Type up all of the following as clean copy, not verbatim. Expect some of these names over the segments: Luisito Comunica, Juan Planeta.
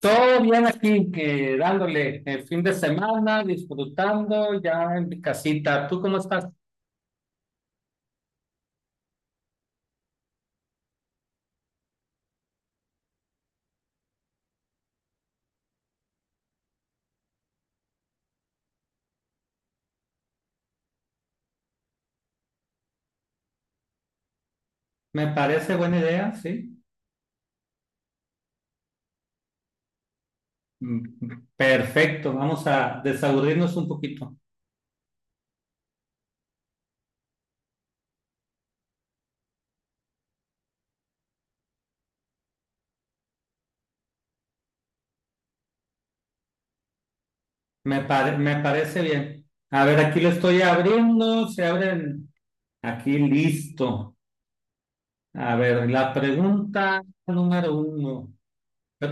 Todo bien aquí, dándole el fin de semana, disfrutando ya en mi casita. ¿Tú cómo estás? Me parece buena idea, sí. Mm, Perfecto, vamos a desaburrirnos un poquito. Me parece bien. A ver, aquí lo estoy abriendo, se abren aquí listo. A ver, la pregunta número uno. Eh,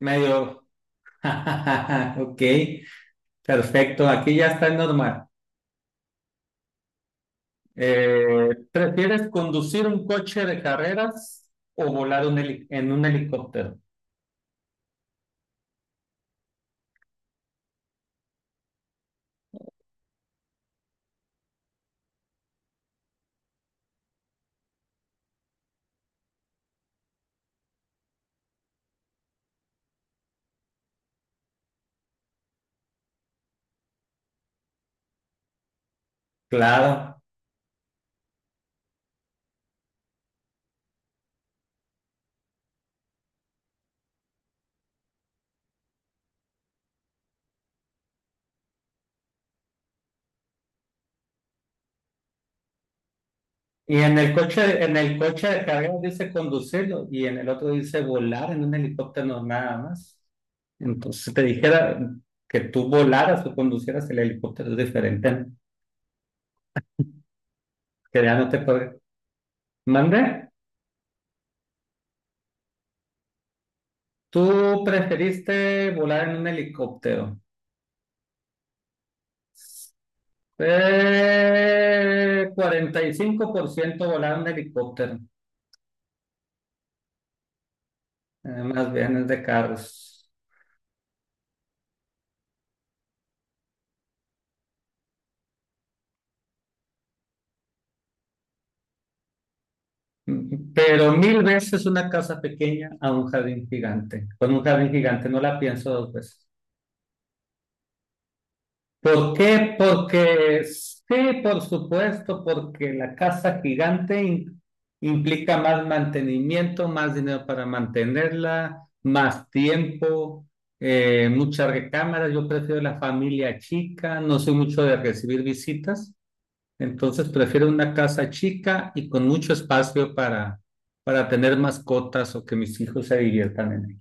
Medio. Ok, perfecto, aquí ya está normal. ¿Prefieres conducir un coche de carreras o volar en un helicóptero? Claro. Y en el coche de carreras dice conducirlo y en el otro dice volar en un helicóptero nada más. Entonces, si te dijera que tú volaras o conducieras el helicóptero, es diferente, ¿no? Que ya no te puede. ¿Mande? Tú preferiste volar en un helicóptero. 45% volar en helicóptero. Más bien es de carros. Pero mil veces una casa pequeña a un jardín gigante. Con un jardín gigante no la pienso dos veces. ¿Por qué? Porque sí, por supuesto, porque la casa gigante implica más mantenimiento, más dinero para mantenerla, más tiempo, muchas recámaras. Yo prefiero la familia chica, no soy mucho de recibir visitas. Entonces prefiero una casa chica y con mucho espacio para tener mascotas o que mis hijos se diviertan en ella.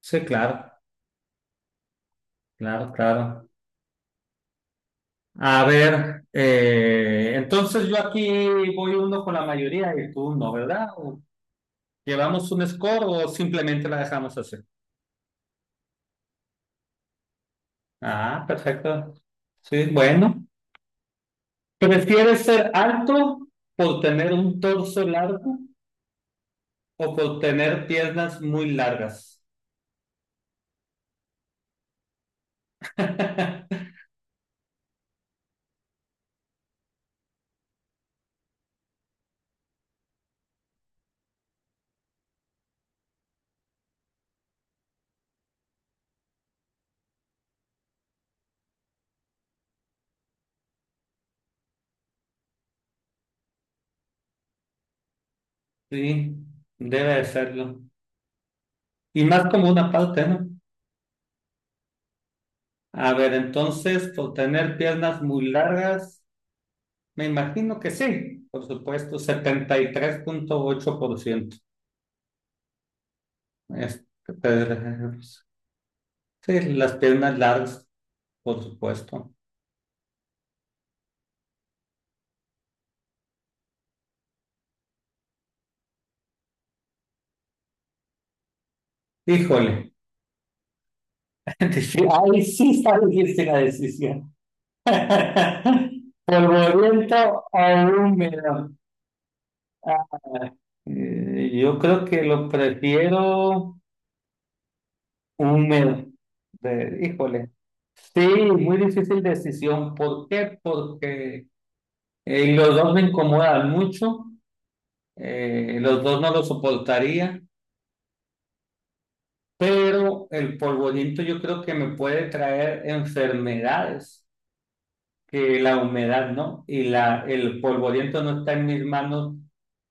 Sí, claro, claro, claro. A ver, entonces yo aquí voy uno con la mayoría y tú no, ¿verdad? ¿O ¿Llevamos un score o simplemente la dejamos así? Ah, perfecto. Sí, bueno. ¿Prefieres ser alto por tener un torso largo o por tener piernas muy largas? Sí, debe de serlo. Y más como una parte, ¿no? A ver, entonces, por tener piernas muy largas, me imagino que sí, por supuesto, 73.8%. Este, sí, las piernas largas, por supuesto. Híjole, ahí sí está difícil la decisión. Polvoriento o húmedo. Yo creo que lo prefiero. Húmedo. Híjole. Sí, muy difícil decisión. ¿Por qué? Porque los dos me incomodan mucho, los dos no lo soportaría, pero el polvoriento yo creo que me puede traer enfermedades que la humedad no, y la, el polvoriento no está en mis manos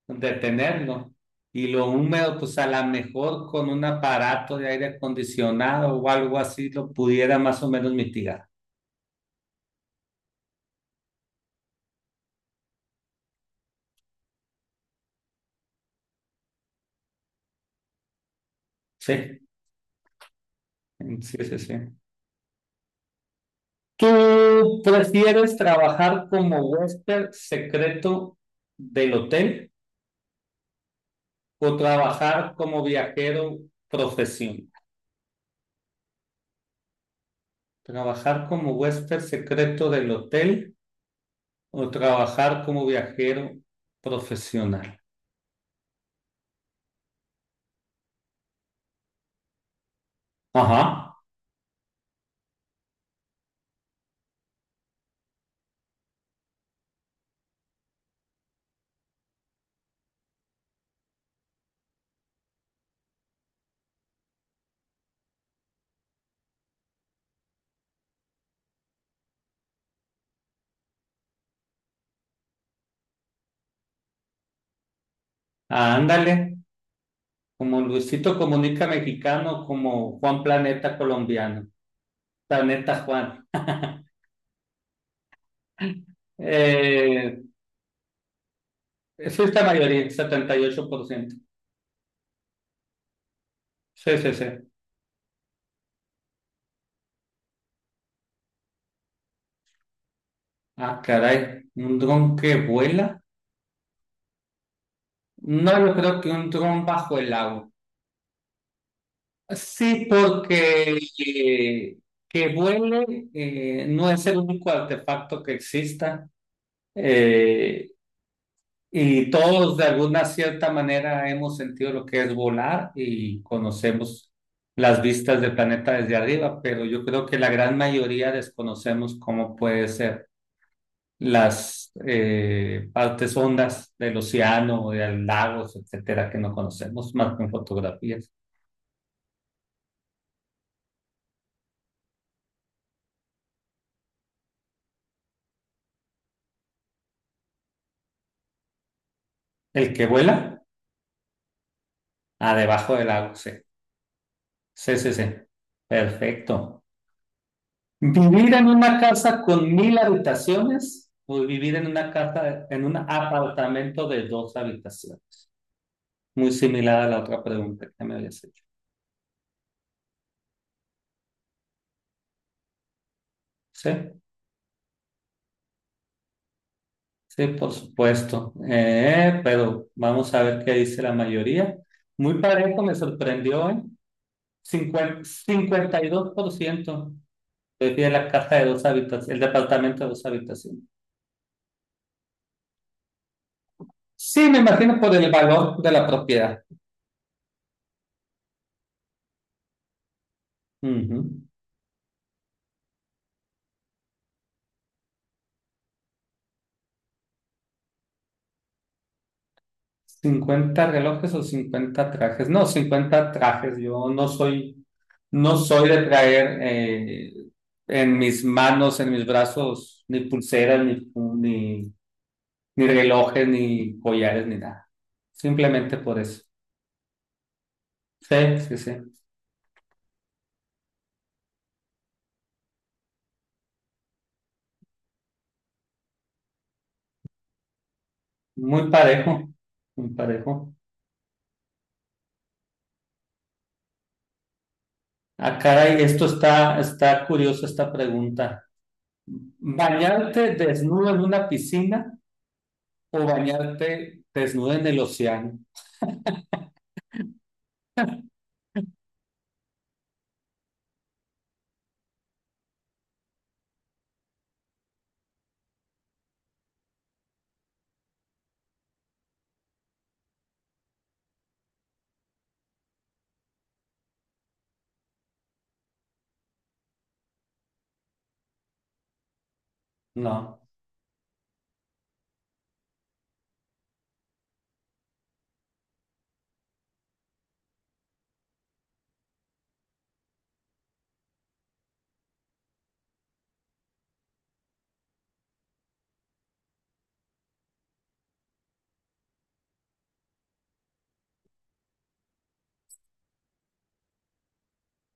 detenerlo. Y lo húmedo, pues a lo mejor con un aparato de aire acondicionado o algo así lo pudiera más o menos mitigar. Sí. Sí, sí, sí. ¿Tú prefieres trabajar como huésped secreto del hotel o trabajar como viajero profesional? ¿Trabajar como huésped secreto del hotel o trabajar como viajero profesional? Ajá. Ah, ándale, como Luisito Comunica mexicano, como Juan Planeta colombiano, Planeta Juan. Eh, sí, es la mayoría, 78%. Sí, sí, sí. Ah, caray, ¿un dron que vuela? No, yo creo que un dron bajo el agua. Sí, porque eh, que vuele no es el único artefacto que exista, eh, y todos de alguna cierta manera hemos sentido lo que es volar y conocemos las vistas del planeta desde arriba, pero yo creo que la gran mayoría desconocemos cómo puede ser las partes hondas del océano, de los lagos, etcétera, que no conocemos más que en fotografías. El que vuela, a debajo del lago, sí. Sí, sí, sí. Perfecto. ¿Vivir en una casa con 1000 habitaciones o vivir en una casa, en un apartamento de dos habitaciones? Muy similar a la otra pregunta que me habías hecho. Sí, sí, por supuesto. Pero vamos a ver qué dice la mayoría. Muy parejo, me sorprendió, ¿eh? 50 52% prefiere la casa de dos habitaciones, el departamento de dos habitaciones. Sí, me imagino por el valor de la propiedad. Ujú. 50 relojes o 50 trajes. No, 50 trajes. Yo no soy, no soy de traer en mis manos, en mis brazos, ni pulseras, ni relojes, ni collares, ni nada. Simplemente por eso. Sí, sí, sí. Muy parejo, muy parejo. Ah, caray, esto está curioso esta pregunta. ¿Bañarte desnudo en una piscina o bañarte desnudo en el océano? No.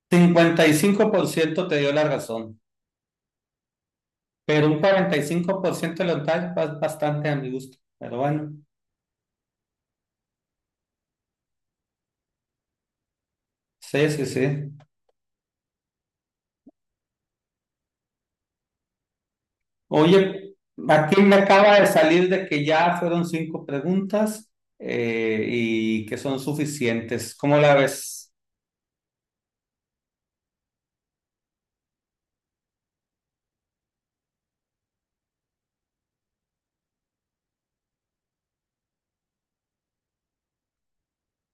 55% te dio la razón, pero un 45% lo tal es bastante a mi gusto. Pero bueno, sí, sí, sí. Oye, aquí me acaba de salir de que ya fueron cinco preguntas y que son suficientes. ¿Cómo la ves?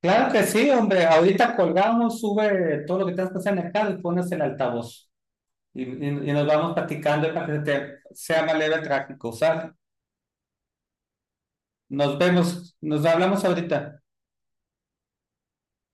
Claro que sí, hombre. Ahorita colgamos, sube todo lo que tengas que hacer en el carro y pones el altavoz. Y, y- y nos vamos platicando para que se te sea más leve el tráfico, ¿sale? Nos vemos, nos hablamos ahorita.